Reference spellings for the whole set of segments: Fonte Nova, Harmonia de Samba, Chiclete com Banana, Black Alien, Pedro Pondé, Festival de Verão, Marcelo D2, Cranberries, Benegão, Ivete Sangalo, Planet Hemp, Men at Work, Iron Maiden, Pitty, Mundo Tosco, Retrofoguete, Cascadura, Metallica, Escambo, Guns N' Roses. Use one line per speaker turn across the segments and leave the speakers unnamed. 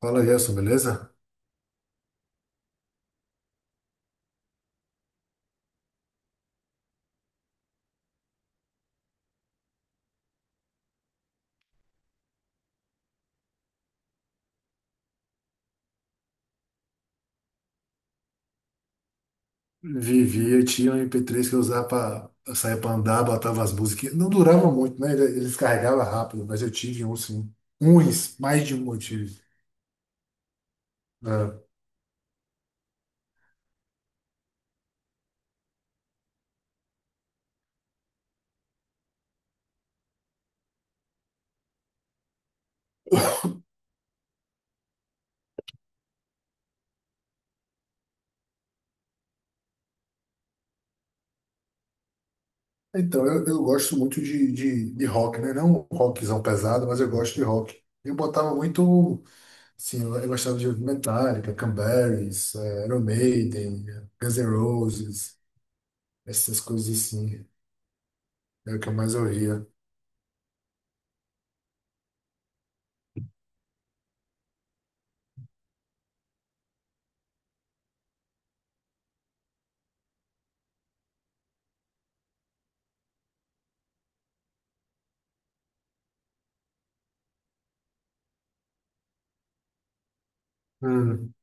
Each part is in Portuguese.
Fala, Gerson, beleza? Vivia, eu tinha um MP3 que eu usava para sair para andar, botava as músicas. Não durava muito, né? Eles carregavam rápido, mas eu tive um, sim. Uns, mais de um eu tive. É. Então, eu gosto muito de rock, né? Não um rockzão pesado, mas eu gosto de rock. Eu botava muito, assim, eu gostava de ouvir Metallica, Cranberries, Iron Maiden, Guns N' Roses, essas coisas assim. É o que eu mais ouvia. Hum.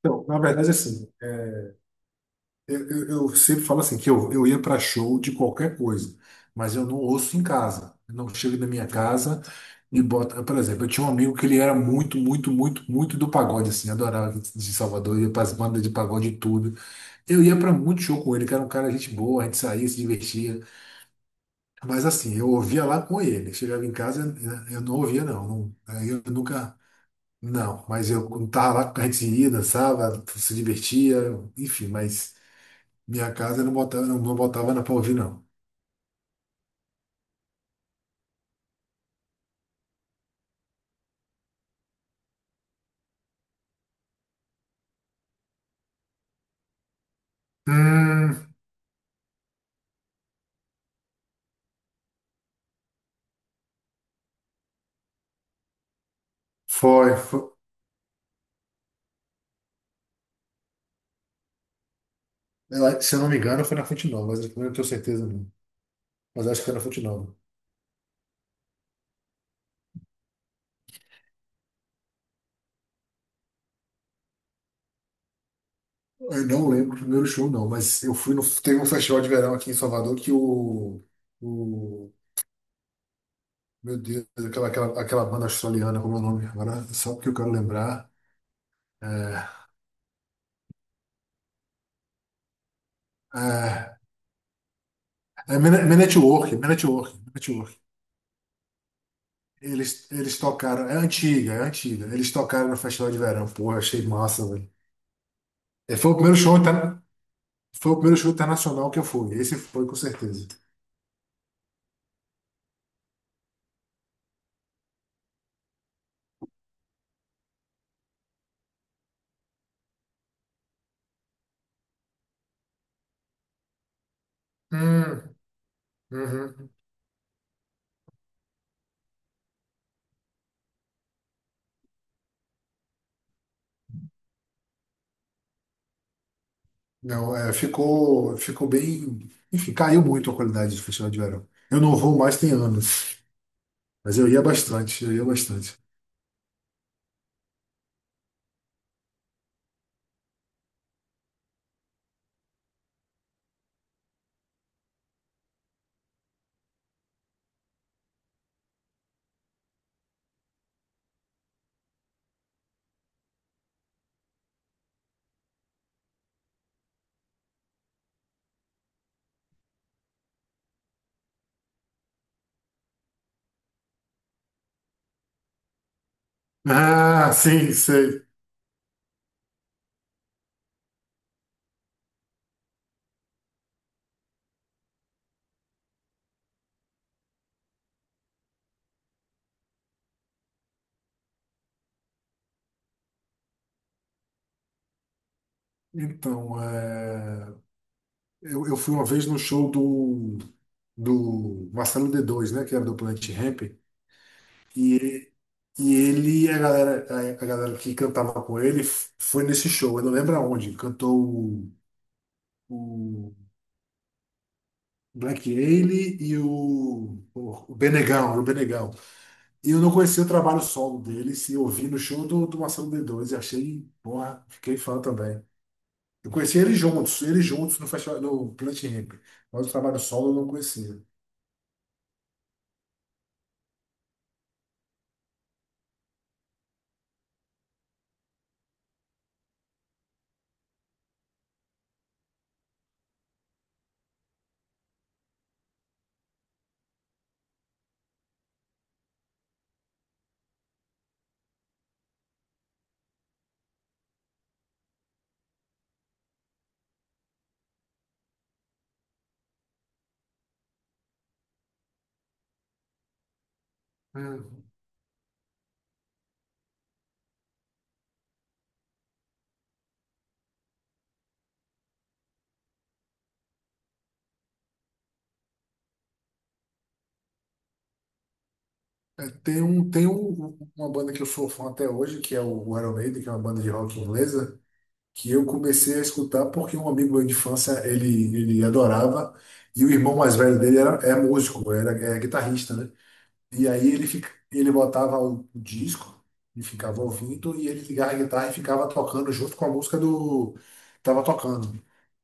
Então, na verdade, assim, é, eu sempre falo assim, que eu ia para show de qualquer coisa, mas eu não ouço em casa. Eu não chego na minha casa e boto. Por exemplo, eu tinha um amigo que ele era muito do pagode, assim, adorava de Salvador, ia para as bandas de pagode e tudo. Eu ia para muito show com ele, que era um cara gente boa, a gente saía, se divertia. Mas assim, eu ouvia lá com ele. Chegava em casa, eu não ouvia, não. Aí eu nunca. Não, mas eu quando tava lá, a gente ia, dançava, se divertia, enfim, mas. Minha casa eu não botava, não, não botava Ana pra ouvir, não. Hum, foi, foi. Eu Se eu não me engano, foi na Fonte Nova, mas eu não tenho certeza, não. Mas acho que foi na Fonte Nova. Eu não lembro o primeiro show, não, mas eu fui no. Teve um festival de verão aqui em Salvador que o meu Deus, aquela banda australiana, como é o nome? Agora, só porque eu quero lembrar. É, é Men at Work, Men at Work. Eles tocaram, é antiga, é antiga. Eles tocaram no Festival de Verão, porra, achei massa, velho. É, foi o primeiro show, tá? Foi o primeiro show internacional que eu fui. Esse foi com certeza. Hum, uhum. Não, é, ficou bem. Enfim, caiu muito a qualidade do festival de verão. Eu não vou mais tem anos, mas eu ia bastante, eu ia bastante. Ah, sim, sei. Então, é, eu fui uma vez no show do Marcelo D2, né? Que era do Planet Hemp. E, e ele, a galera, a galera que cantava com ele, foi nesse show. Eu não lembro aonde. Cantou o, Black Alien e o Benegão, era o Benegão. E eu não conhecia o trabalho solo deles e ouvi no show do Marcelo d Dois, e achei, porra, fiquei fã também. Eu conheci eles juntos no festival, no Planet Hemp, mas o trabalho solo eu não conhecia. Hum. É, tem um, uma banda que eu sou fã até hoje, que é o Iron Maiden, que é uma banda de rock inglesa, que eu comecei a escutar porque um amigo meu de infância, ele adorava, e o irmão mais velho dele era, é músico, era, é guitarrista, né? E aí ele, fica, ele botava o disco e ficava ouvindo, e ele ligava a guitarra e ficava tocando junto com a música do, que tava tocando.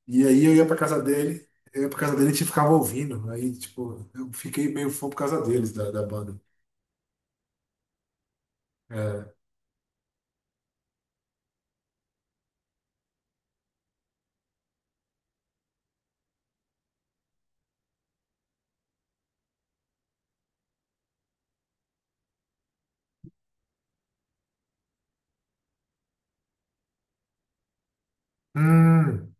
E aí eu ia pra casa dele, eu ia pra casa dele e a gente ficava ouvindo. Aí, tipo, eu fiquei meio fã por causa deles, da, da banda. É. Hum,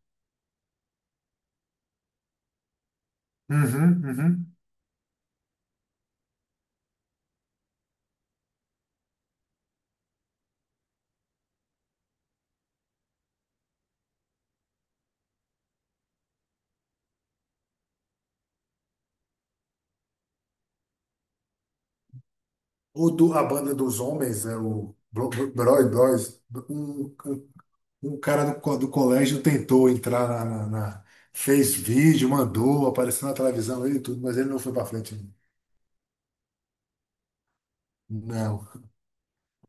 uhum, uhum. O do, a banda dos homens, é o Brothers, um, um. Um cara do, do colégio tentou entrar na, fez vídeo, mandou, apareceu na televisão, ele e tudo, mas ele não foi pra frente. Não.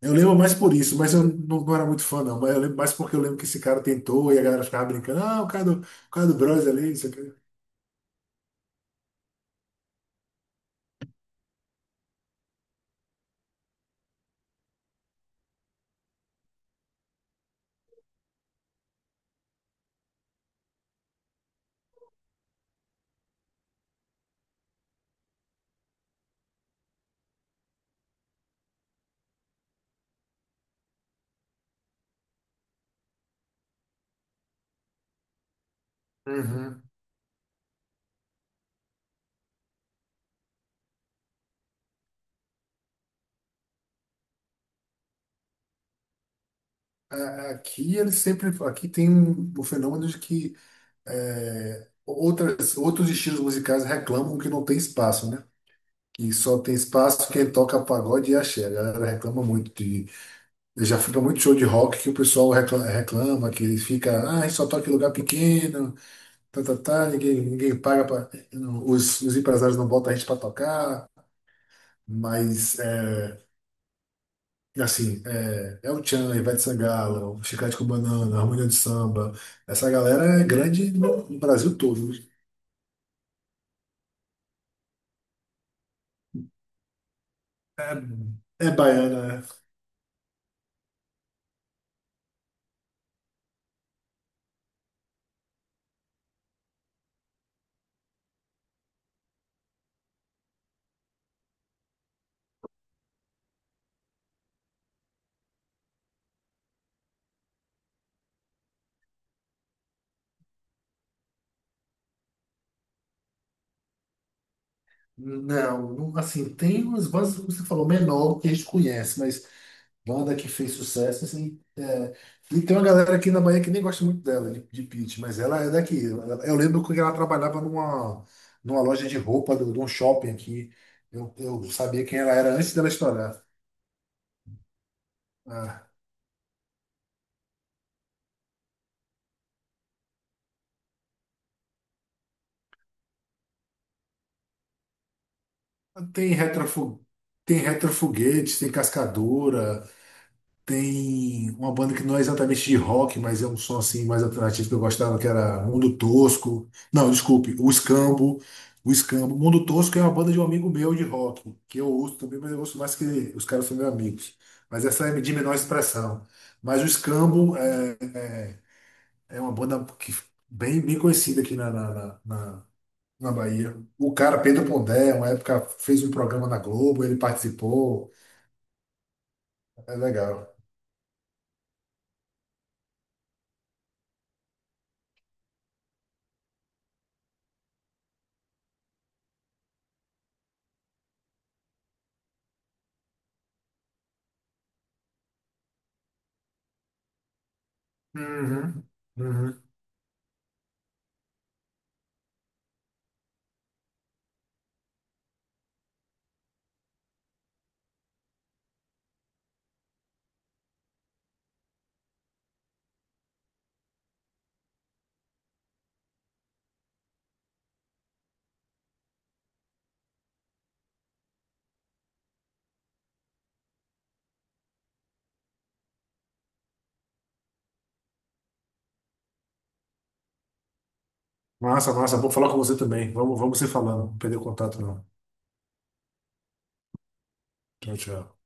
Eu lembro mais por isso, mas eu não, não era muito fã, não. Mas eu lembro mais porque eu lembro que esse cara tentou e a galera ficava brincando. Ah, o cara do Bros ali, isso aqui. Uhum. Aqui eles sempre. Aqui tem um, um fenômeno de que é, outras, outros estilos musicais reclamam que não tem espaço, né? Que só tem espaço quem toca pagode e axé. A galera reclama muito. Já fui muito show de rock que o pessoal reclama, que fica, ah, só toca em lugar pequeno, tá, tá, tá, ninguém paga para os empresários não botam a gente para tocar, mas é, assim, é, é o Tchan, Ivete Sangalo, Chiclete com Banana, Harmonia de Samba, essa galera é grande no Brasil todo. É, é baiana, né? Não, não, assim, tem umas bandas, como você falou, menor que a gente conhece, mas. Banda que fez sucesso, assim, é. E tem uma galera aqui na Bahia que nem gosta muito dela, de Pitty, mas ela é daqui. Eu lembro que ela trabalhava numa, numa loja de roupa, de um shopping aqui. Eu sabia quem ela era antes dela estourar. Ah, tem retrofu, tem retrofoguete, tem cascadura. Tem uma banda que não é exatamente de rock, mas é um som assim mais alternativo que eu gostava, que era Mundo Tosco. Não, desculpe, o Escambo. O Escambo. Mundo Tosco é uma banda de um amigo meu de rock, que eu ouço também, mas eu ouço mais que os caras são meus amigos. Mas essa é de menor expressão. Mas o Escambo é, é uma banda que, bem, bem conhecida aqui na Bahia. O cara, Pedro Pondé, uma época fez um programa na Globo, ele participou. É legal. Uhum, uhum. Massa, massa. Vou falar com você também. Vamos, vamos se falando. Não perder o contato, não. Tchau, tchau.